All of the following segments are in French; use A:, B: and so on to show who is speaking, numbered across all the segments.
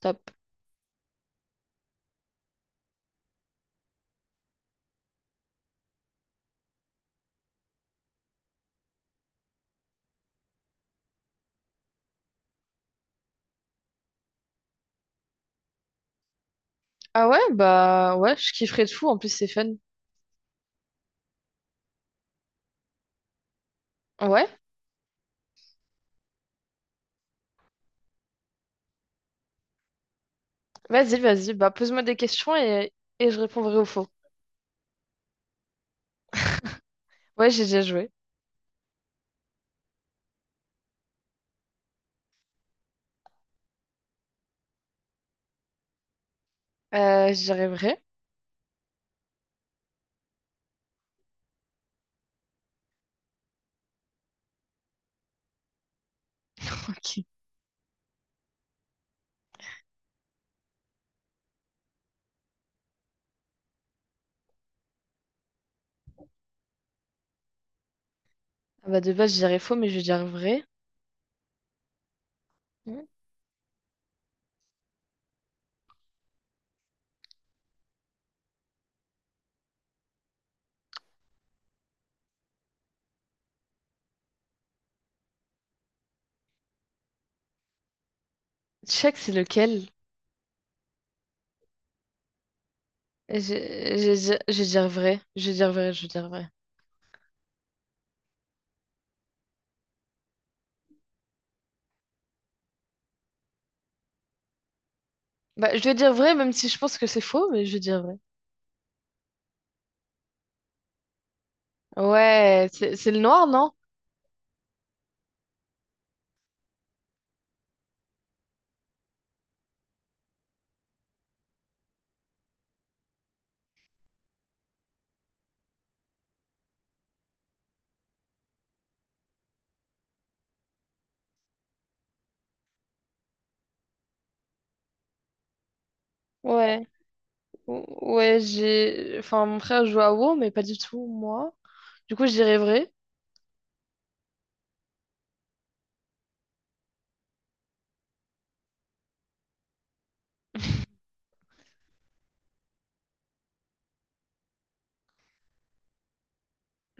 A: Stop. Ah ouais? Ouais, vas-y, vas-y. Bah, pose-moi des questions et je répondrai au faux. Ouais, j'ai déjà joué. J'y vrai. Ok. Ah bah, de base, je dirais faux, mais je vais dire vrai. Hmm. Je sais que c'est lequel. Je dirais vrai. Je dirais vrai, je dirais vrai. Bah, je vais dire vrai, même si je pense que c'est faux, mais je vais dire vrai. Ouais, c'est le noir, non? Ouais. Ou- Ouais, j'ai. Enfin, mon frère joue à WoW, mais pas du tout, moi. Du coup, je dirais vrai.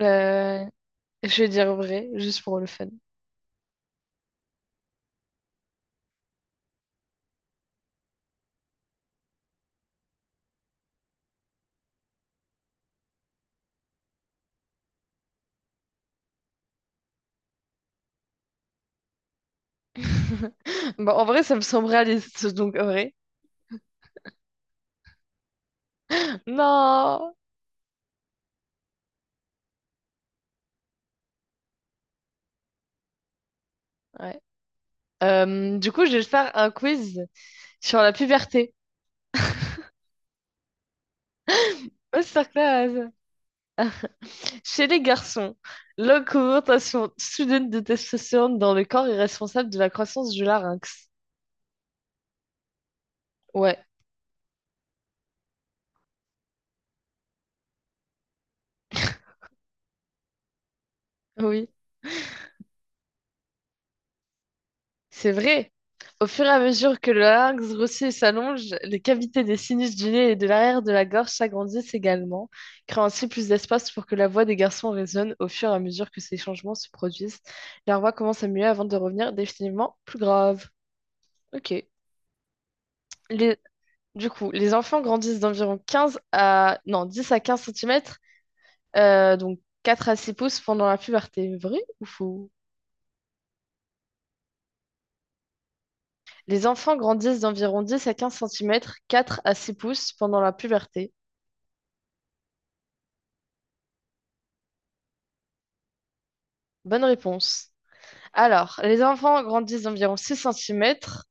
A: Euh, je vais dire vrai, juste pour le fun. Bon, en vrai, ça me semble réaliste, donc en vrai. Non! Ouais. Du coup, je vais te faire un quiz sur la puberté. Masterclass! Chez les garçons, l'augmentation soudaine de testostérone dans le corps est responsable de la croissance du larynx. Ouais, oui. C'est vrai. Au fur et à mesure que le larynx grossit et s'allonge, les cavités des sinus du nez et de l'arrière de la gorge s'agrandissent également, créant ainsi plus d'espace pour que la voix des garçons résonne. Au fur et à mesure que ces changements se produisent, leur voix commence à muer avant de revenir définitivement plus grave. Ok. Les- Du coup, les enfants grandissent d'environ 15 à... Non, 10 à 15 cm, donc 4 à 6 pouces pendant la puberté. Vrai ou faux? Les enfants grandissent d'environ 10 à 15 centimètres, 4 à 6 pouces pendant la puberté. Bonne réponse. Alors, les enfants grandissent d'environ 6 centimètres,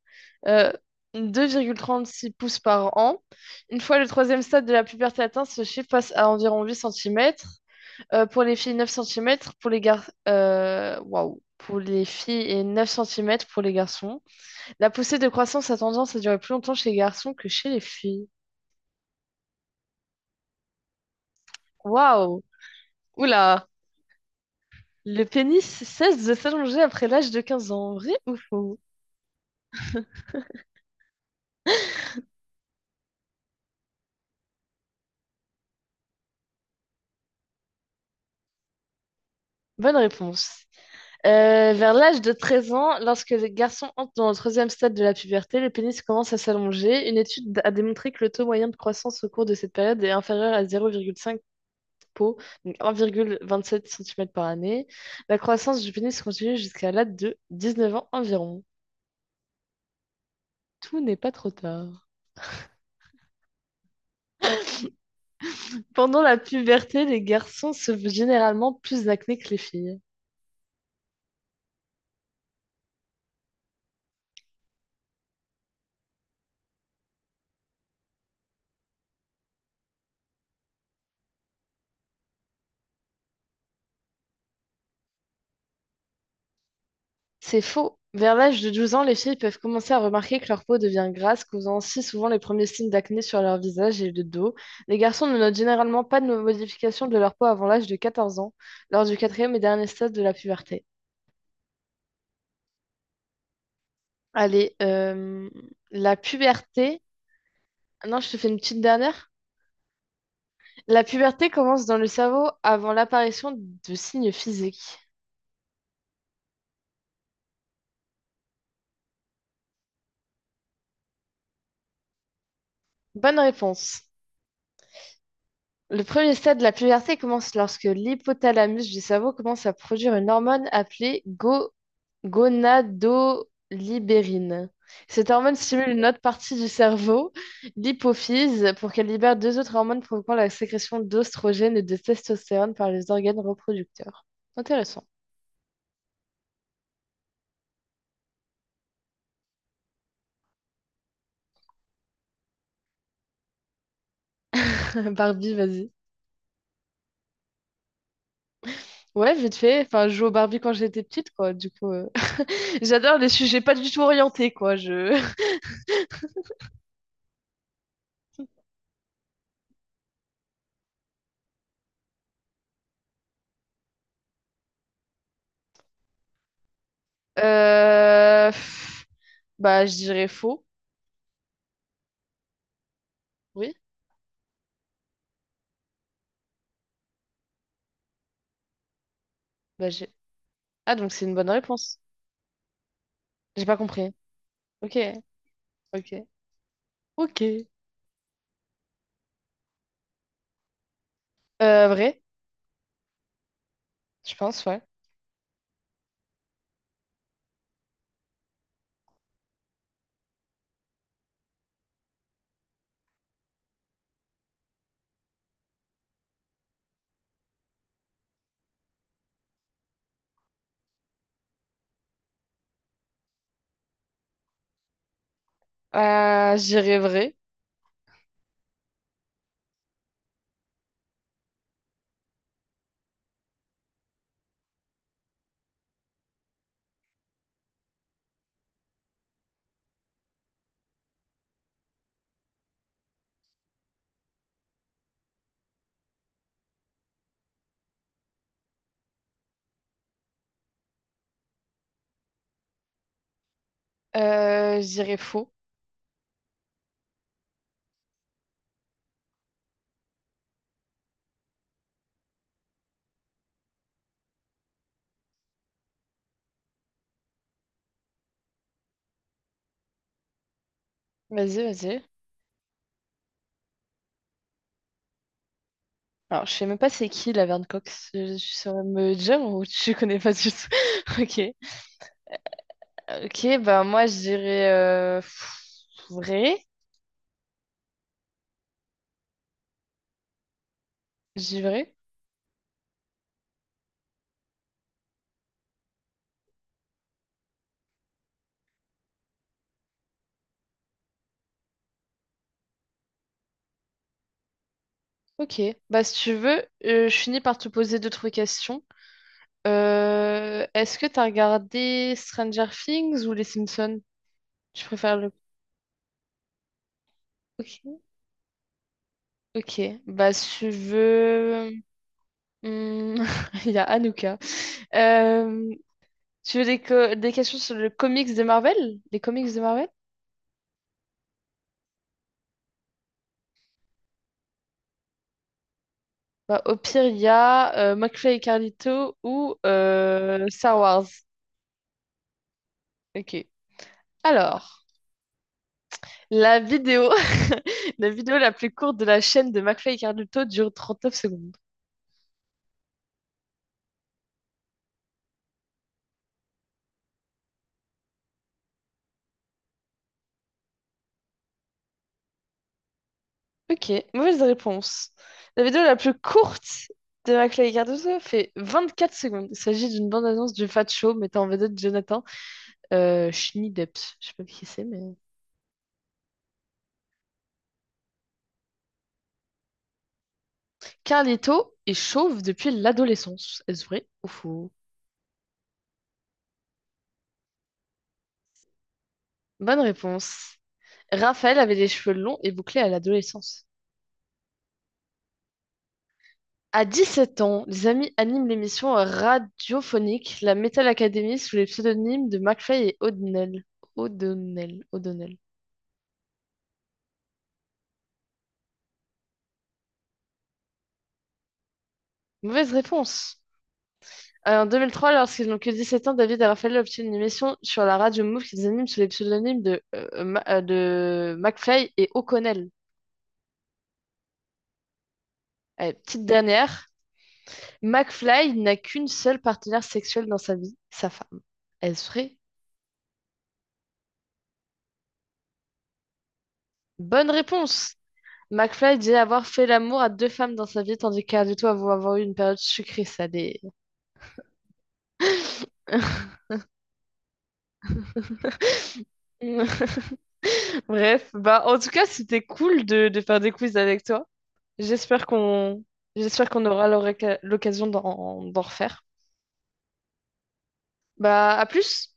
A: euh, 2,36 pouces par an. Une fois le troisième stade de la puberté atteint, ce chiffre passe à environ 8 cm pour les filles, 9 centimètres. Waouh! Pour les filles et 9 centimètres pour les garçons. La poussée de croissance a tendance à durer plus longtemps chez les garçons que chez les filles. Waouh! Oula! Le pénis cesse de s'allonger après l'âge de 15 ans. Vrai ou faux? Bonne réponse. Vers l'âge de 13 ans, lorsque les garçons entrent dans le troisième stade de la puberté, le pénis commence à s'allonger. Une étude a démontré que le taux moyen de croissance au cours de cette période est inférieur à 0,5 po, donc 1,27 cm par année. La croissance du pénis continue jusqu'à l'âge de 19 ans environ. Tout n'est pas trop tard. Pendant la puberté, les garçons se généralement plus acné que les filles. C'est faux. Vers l'âge de 12 ans, les filles peuvent commencer à remarquer que leur peau devient grasse, causant aussi souvent les premiers signes d'acné sur leur visage et le dos. Les garçons ne notent généralement pas de modification de leur peau avant l'âge de 14 ans, lors du quatrième et dernier stade de la puberté. Allez, la puberté. Non, je te fais une petite dernière. La puberté commence dans le cerveau avant l'apparition de signes physiques. Bonne réponse. Le premier stade de la puberté commence lorsque l'hypothalamus du cerveau commence à produire une hormone appelée gonadolibérine. Cette hormone stimule une autre partie du cerveau, l'hypophyse, pour qu'elle libère deux autres hormones provoquant la sécrétion d'ostrogène et de testostérone par les organes reproducteurs. Intéressant. Barbie, vas-y. Ouais, vite fait. Enfin, je joue au Barbie quand j'étais petite, quoi. Du coup, j'adore les sujets pas du tout orientés, quoi. Je... Euh, pff, Bah, je dirais faux. Oui, bah j'ai. Ah, donc c'est une bonne réponse. J'ai pas compris. Ok, ok, ok. Vrai, je pense, ouais. J'irais vrai. J'irais faux. Vas-y, vas-y. Alors, je sais même pas c'est qui la Verne Cox. Je saurais me dire ou tu connais pas du tout. Ok. Ok, bah moi j'irais vrai. J'y vrai. Ok. Bah si tu veux, je finis par te poser d'autres questions. Est-ce que t'as regardé Stranger Things ou Les Simpsons? Tu préfères le... Ok, ok. Bah, si tu veux... Hmm, il y a Anouka. Euh, Tu veux des, des questions sur le comics de Marvel? Les comics de Marvel? Bah, au pire, il y a McFly et Carlito ou Star Wars. Ok. Alors, la vidéo... la vidéo la plus courte de la chaîne de McFly et Carlito dure 39 secondes. Ok, mauvaise réponse. La vidéo la plus courte de Maclay et Cardozo fait 24 secondes. Il s'agit d'une bande-annonce du Fat Show mettant en vedette Jonathan Schmidepps. Je sais pas qui c'est, mais... Carlito est chauve depuis l'adolescence. Est-ce vrai ou faux? Bonne réponse. Raphaël avait les cheveux longs et bouclés à l'adolescence. À 17 ans, les amis animent l'émission radiophonique La Metal Academy sous les pseudonymes de McFly et O'Donnell. O'Donnell, O'Donnell. Mauvaise réponse. En 2003, lorsqu'ils n'ont que 17 ans, David et Raphaël obtiennent une émission sur la radio Move qu'ils animent sous les pseudonymes de McFly et O'Connell. Allez, petite dernière. McFly n'a qu'une seule partenaire sexuelle dans sa vie, sa femme. Est-ce vrai? Bonne réponse! McFly dit avoir fait l'amour à deux femmes dans sa vie, tandis qu'Ardito avoue avoir eu une période sucrée salée. Bref, bah en tout cas, c'était cool de faire des quiz avec toi. J'espère qu'on J'espère qu'on aura l'occasion d'en refaire. Bah, à plus!